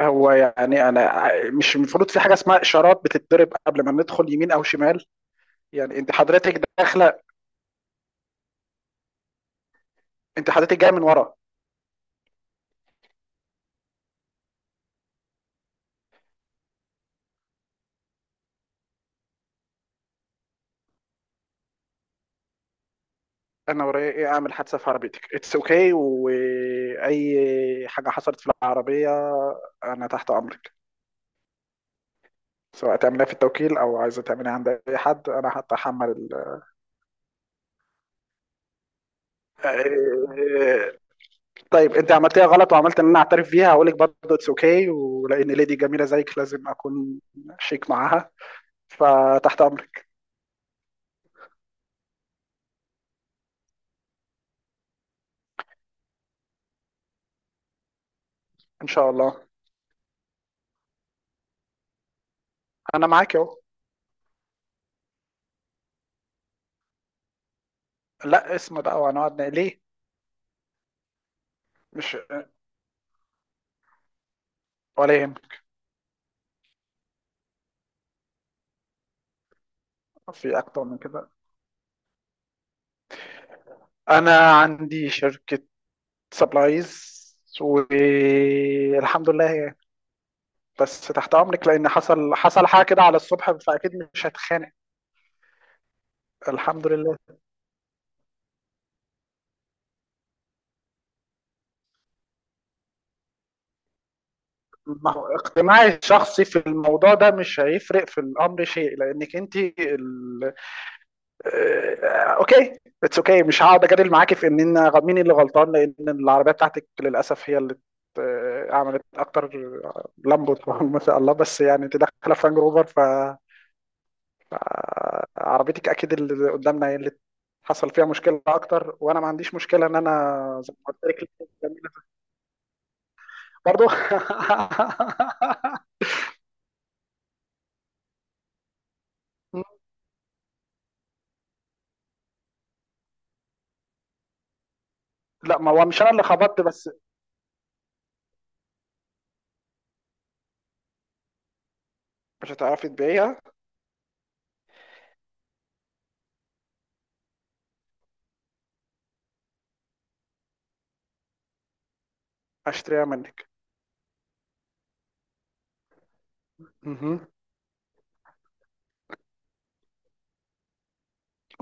هو انا مش المفروض في حاجه اسمها اشارات بتتضرب قبل ما ندخل يمين او شمال؟ انت حضرتك داخله، انت حضرتك جايه من ورا. انا ورايا ايه اعمل حادثه في عربيتك؟ اتس اوكي، واي حاجه حصلت في العربيه انا تحت امرك، سواء تعملها في التوكيل او عايزه تعملها عند اي حد انا هتحمل ال... آه، طيب انت عملتيها غلط وعملت ان انا اعترف بيها، هقول لك برضه اتس اوكي، ولان ليدي جميله زيك لازم اكون شيك معاها. فتحت امرك، ان شاء الله، انا معاك اهو. لا، اسم بقى وهنقعد ليه؟ مش ولا يهمك. في اكتر من كده، انا عندي شركه سبلايز، والحمد لله بس تحت امرك، لان حصل حاجه كده على الصبح، فاكيد مش هتخانق. الحمد لله. ما هو اقتناعي الشخصي في الموضوع ده مش هيفرق في الامر شيء، لانك انت... اوكي، اتس اوكي، مش هقعد اجادل معاكي في مين اللي غلطان، لان العربيه بتاعتك للاسف هي اللي عملت اكتر لامبو. ما شاء الله، بس انت داخله فرانج روفر، فعربيتك اكيد اللي قدامنا هي اللي حصل فيها مشكله اكتر، وانا ما عنديش مشكله ان انا زي ما قلت لك برضه. لا، ما هو مش انا اللي خبطت بس. مش هتعرفي تبيعيها، هشتريها منك. مهم.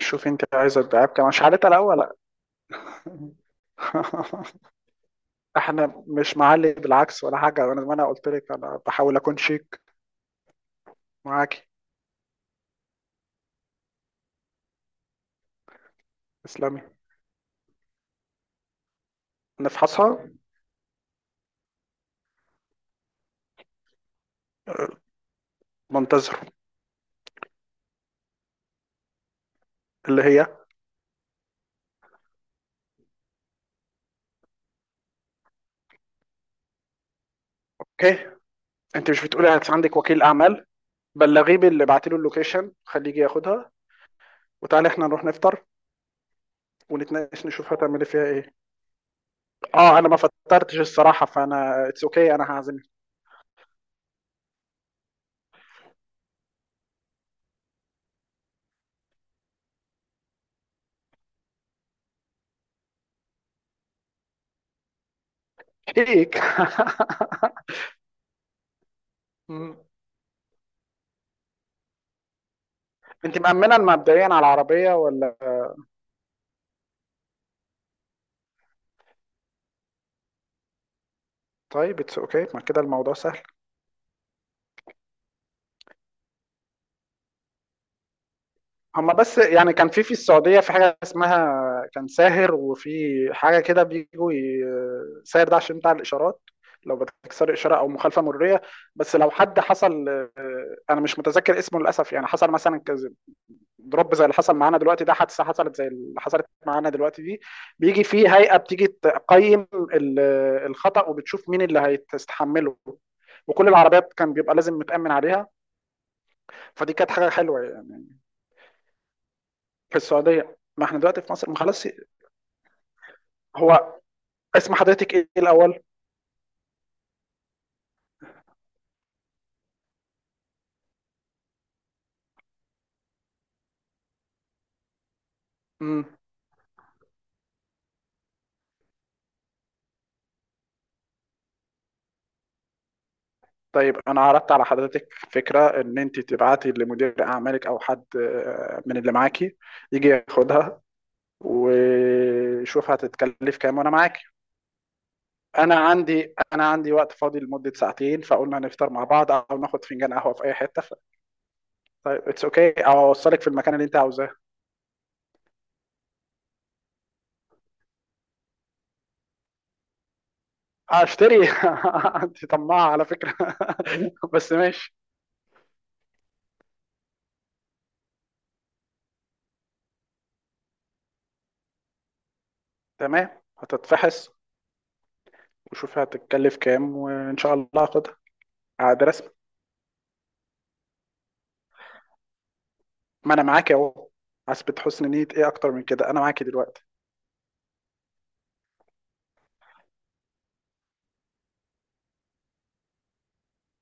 شوفي انت عايزه تبيعها بكام، مش عارفه الاول لا. ولا، احنا مش معلي بالعكس ولا حاجه، انا ما انا قلت لك انا بحاول اكون شيك معاكي. اسلامي. نفحصها. منتظر. اللي هي؟ اوكي، انت مش بتقولي عندك وكيل اعمال؟ بلغيه باللي بعتي له اللوكيشن، خليه يجي ياخدها، وتعالي احنا نروح نفطر، ونتناقش نشوف هتعملي فيها ايه. اه، انا ما فطرتش الصراحه، فانا اتس اوكي okay. انا هعزمك. هيك. انت مأمنة مبدئيا على العربيه ولا؟ طيب اتس اوكي okay. ما كده الموضوع سهل. هما بس كان في السعودية في حاجة اسمها كان ساهر، وفي حاجة كده بيجوا ساهر ده عشان بتاع الإشارات، لو بتكسر إشارة أو مخالفة مرورية، بس لو حد حصل، أنا مش متذكر اسمه للأسف، حصل مثلا كذا ضرب زي اللي حصل معانا دلوقتي ده، حادثة حصلت زي اللي حصلت معانا دلوقتي دي، بيجي في هيئة بتيجي تقيم الخطأ، وبتشوف مين اللي هيتحمله، وكل العربيات كان بيبقى لازم متأمن عليها. فدي كانت حاجة حلوة في السعودية، ما احنا دلوقتي في مصر، ما خلاص. هو اسم حضرتك ايه الاول؟ مم. طيب انا عرضت على حضرتك فكره ان انت تبعتي لمدير اعمالك او حد من اللي معاكي يجي ياخدها ويشوف هتتكلف كام، وانا معاكي. انا عندي وقت فاضي لمده ساعتين، فقلنا نفطر مع بعض او ناخد فنجان قهوه في اي حته ف... طيب اتس اوكي okay. او اوصلك في المكان اللي انت عاوزاه. هشتري. انت طماعه على فكره. بس ماشي، تمام. هتتفحص، وشوفي هتتكلف كام، وان شاء الله هاخدها عاد رسمي. ما انا معاك اهو. حسبة حسن نية ايه اكتر من كده؟ انا معاكي دلوقتي.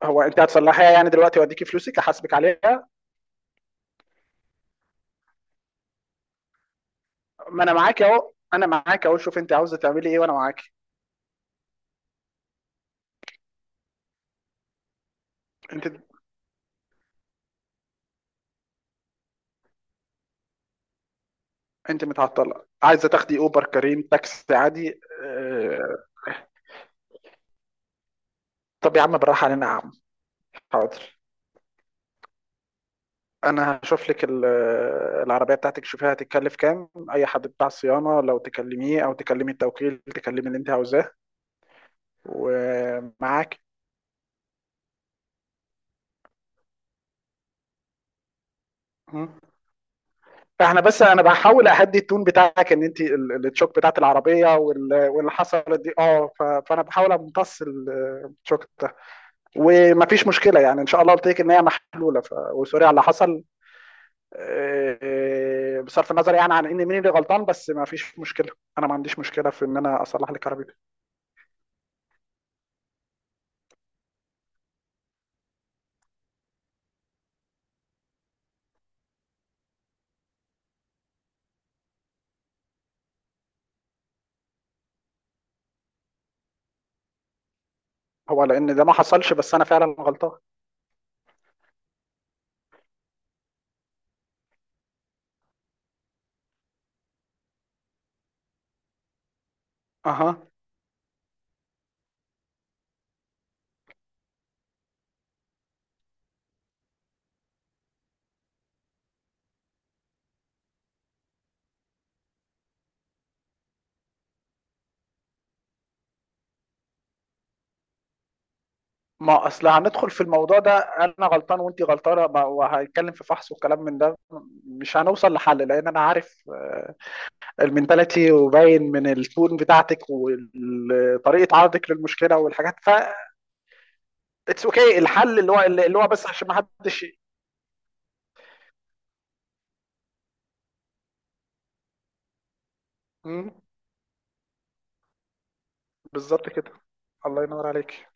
هو انت هتصلحيها دلوقتي واديكي فلوسك احاسبك عليها؟ ما انا معاكي اهو، انا معاكي اهو، شوف انت عاوزه تعملي ايه وانا معاكي. انت انت متعطله، عايزه تاخدي اوبر كريم تاكسي عادي اه... طب يا عم بالراحه علينا يا عم. حاضر، انا هشوف لك العربيه بتاعتك، شوفيها هتتكلف كام، اي حد بتاع صيانه لو تكلميه او تكلمي التوكيل، تكلمي اللي انت عاوزاه ومعاك. فاحنا بس انا بحاول اهدي التون بتاعك ان انت التشوك بتاعت العربيه واللي حصلت دي اه فانا بحاول امتص التشوك ده، ومفيش مشكله ان شاء الله قلت لك ان هي محلوله ف... وسوري على اللي حصل. بصرف النظر عن ان مين اللي غلطان، بس مفيش مشكله، انا ما عنديش مشكله في ان انا اصلح لك عربيتك. هو لان ده ما حصلش، بس انا فعلا غلطان. اها. ما اصل هندخل في الموضوع ده انا غلطان وانت غلطانه وهنتكلم في فحص والكلام من ده، مش هنوصل لحل، لان انا عارف المنتاليتي، وباين من التون بتاعتك وطريقه عرضك للمشكله والحاجات ف اتس اوكي، الحل اللي هو بس عشان ما حدش مم، بالظبط كده. الله ينور عليك.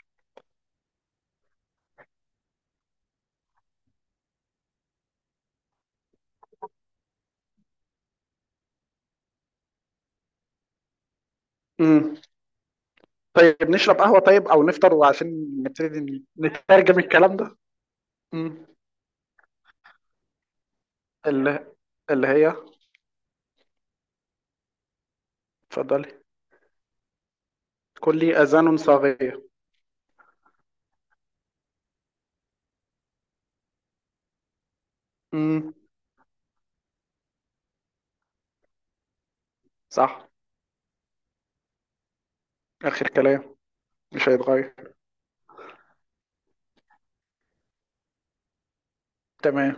مم. طيب نشرب قهوه، طيب او نفطر وعشان نبتدي نترجم الكلام ده. مم. اللي اللي هي؟ اتفضلي، كلي اذان صاغيه. مم. صح. آخر كلام مش هيتغير. تمام.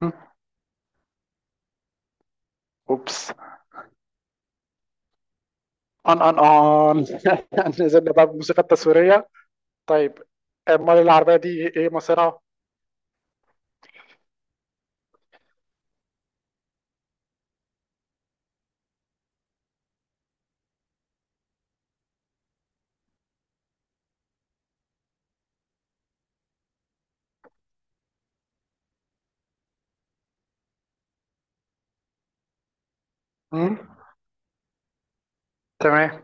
م. أوبس. أن أن أن نزلنا بقى بالموسيقى التصويرية. طيب، أمال العربية دي إيه مصيرها؟ م؟ تمام.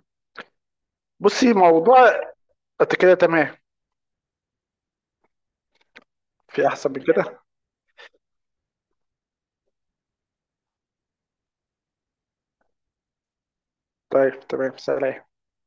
بصي موضوع. أنت كده تمام؟ في أحسن من كده؟ طيب تمام، سلام.